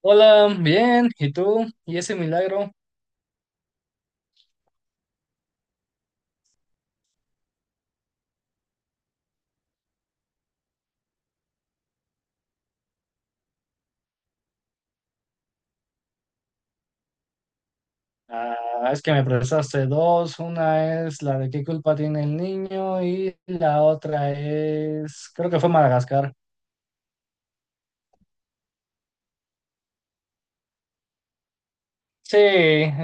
Hola, bien, ¿y tú? ¿Y ese milagro? Ah, es que me prestaste dos. Una es la de qué culpa tiene el niño y la otra es, creo que fue Madagascar. Sí,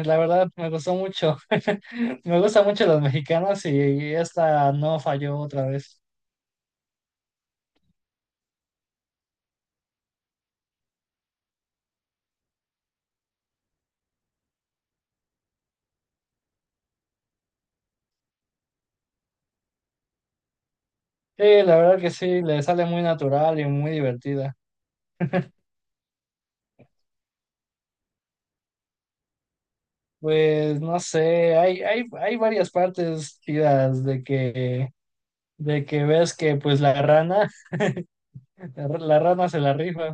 la verdad me gustó mucho. Me gustan mucho los mexicanos y esta no falló otra vez. Sí, la verdad que sí, le sale muy natural y muy divertida. Pues no sé, hay varias partes tiras de que ves que pues la rana La la rana se la rifa.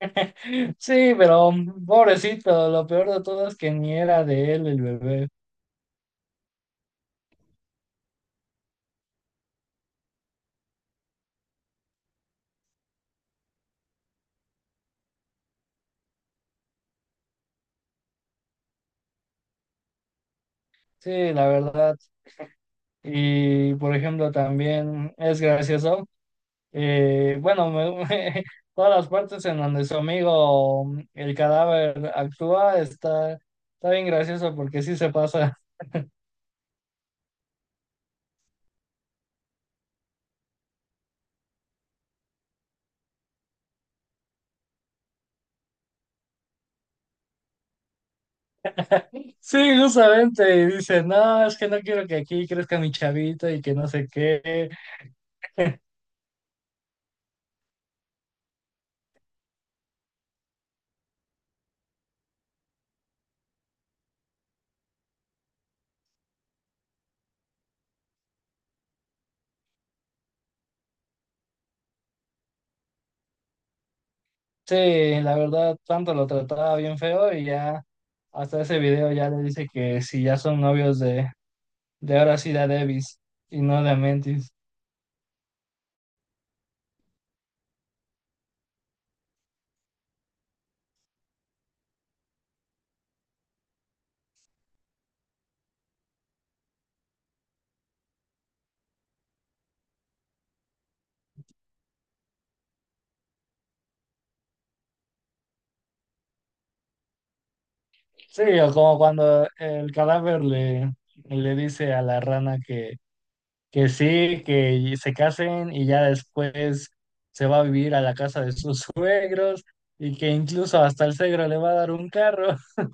Sí, pero pobrecito, lo peor de todo es que ni era de él el bebé. Sí, la verdad. Y por ejemplo, también es gracioso. Bueno, todas las partes en donde su amigo, el cadáver, actúa, está bien gracioso porque sí se pasa. Sí, justamente. Y dice, no, es que no quiero que aquí crezca mi chavito y que no sé qué. Sí, la verdad, tanto lo trataba bien feo y ya hasta ese video ya le dice que si ya son novios de ahora sí de Davis y no de Mentis. Sí, o como cuando el cadáver le dice a la rana que sí, que se casen y ya después se va a vivir a la casa de sus suegros y que incluso hasta el suegro le va a dar un carro.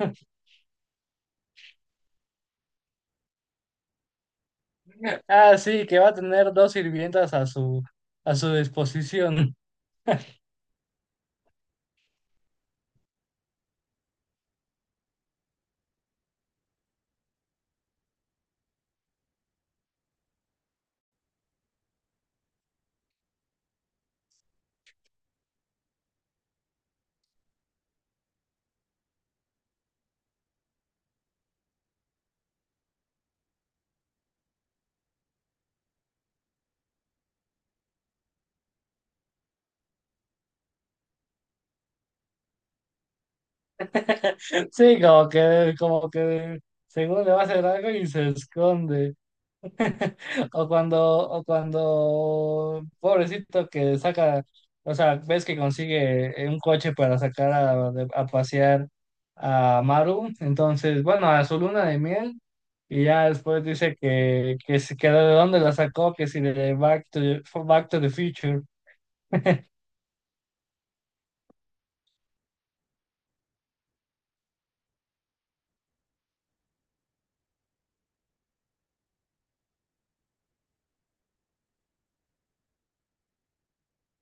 Ah, sí, que va a tener dos sirvientas a a su disposición. Sí, como que según le va a hacer algo y se esconde. O cuando, pobrecito que saca, o sea, ves que consigue un coche para sacar a, a pasear a Maru, entonces, bueno, a su luna de miel, y ya después dice que, si- que de dónde la sacó, que si de Back to the Future.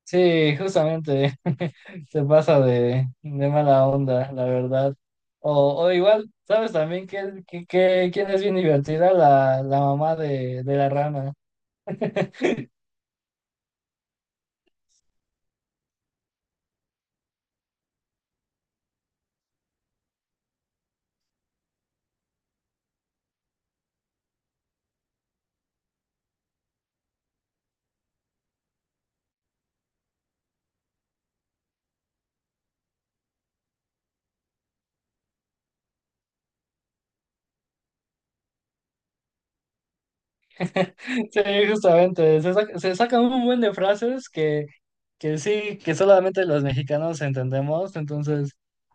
Sí, justamente se pasa de mala onda, la verdad. O igual, ¿sabes también quién es bien divertida? La mamá de la rana. Sí, justamente. Se saca un buen de frases que sí, que solamente los mexicanos entendemos. Entonces,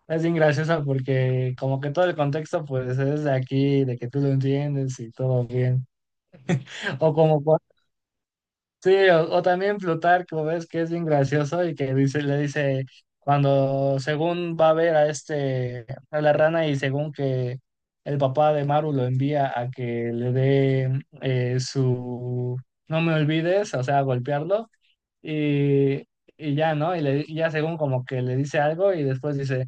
es bien graciosa porque como que todo el contexto pues es de aquí, de que tú lo entiendes y todo bien. O como sí, o también Plutarco, ves que es bien gracioso y que dice, le dice, cuando según va a ver a este, a la rana y según que el papá de Maru lo envía a que le dé no me olvides, o sea, golpearlo, y, y ya, ¿no? Y, le, y ya según como que le dice algo y después dice,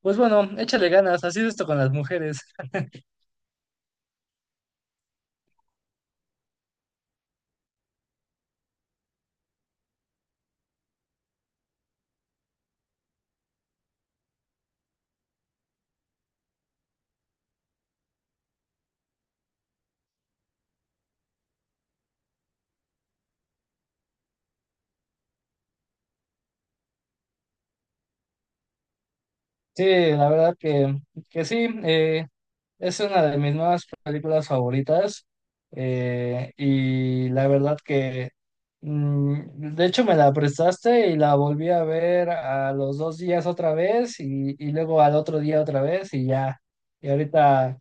pues bueno, échale ganas, así es esto con las mujeres. Sí, la verdad que sí. Es una de mis nuevas películas favoritas y la verdad que de hecho, me la prestaste y la volví a ver a los dos días otra vez y luego al otro día otra vez y ya. Y ahorita,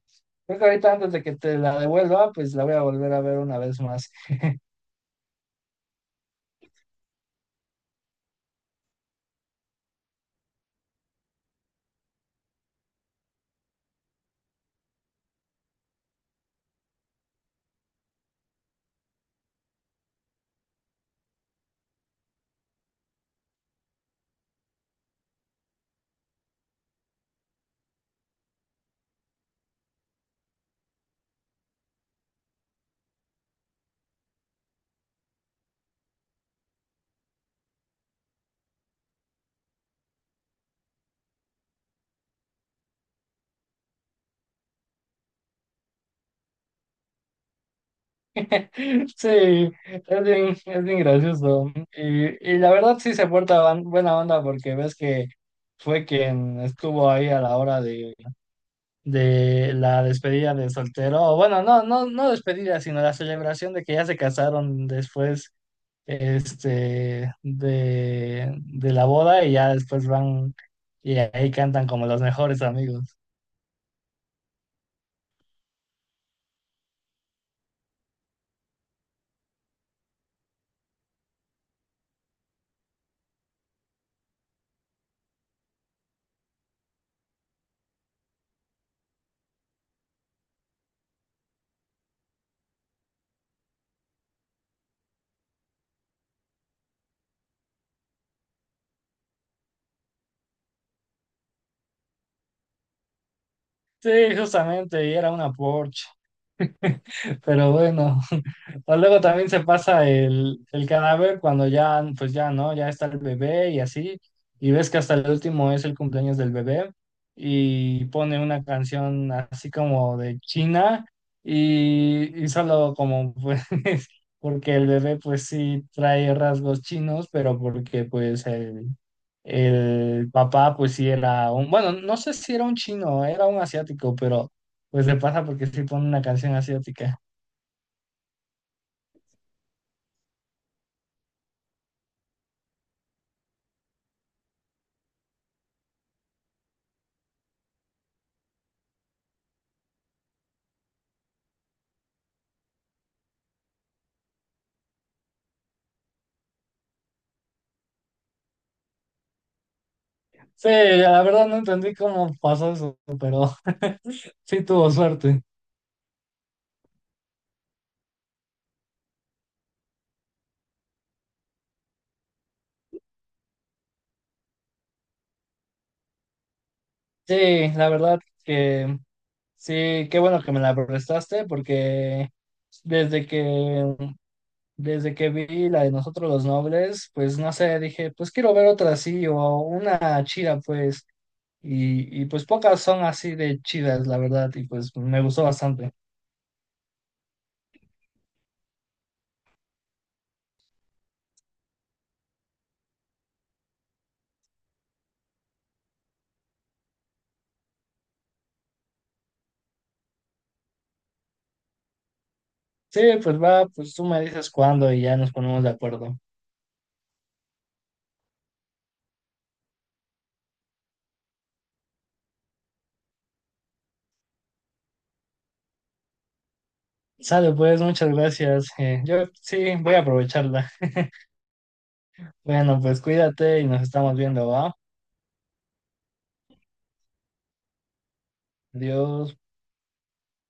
creo que ahorita antes de que te la devuelva, pues la voy a volver a ver una vez más. Sí, es bien gracioso. Y la verdad sí se porta buena onda porque ves que fue quien estuvo ahí a la hora de la despedida de soltero, o bueno, no despedida, sino la celebración de que ya se casaron después, este, de la boda y ya después van y ahí cantan como los mejores amigos. Sí, justamente, y era una Porsche. Pero bueno, o luego también se pasa el cadáver cuando ya, pues ya, ¿no? Ya está el bebé y así, y ves que hasta el último es el cumpleaños del bebé y pone una canción así como de China y solo como pues, porque el bebé pues sí trae rasgos chinos, pero porque pues el papá pues sí era un, bueno, no sé si era un chino, era un asiático, pero pues le pasa porque sí pone una canción asiática. Sí, la verdad no entendí cómo pasó eso, pero sí tuvo suerte. Sí, la verdad que sí, qué bueno que me la prestaste porque desde que desde que vi la de Nosotros los Nobles, pues no sé, dije, pues quiero ver otra así o una chida pues y pues pocas son así de chidas, la verdad, y pues me gustó bastante. Sí, pues va, pues tú me dices cuándo y ya nos ponemos de acuerdo. Sale, pues, muchas gracias. Yo sí, voy a aprovecharla. Bueno, pues cuídate y nos estamos viendo, ¿va? Adiós.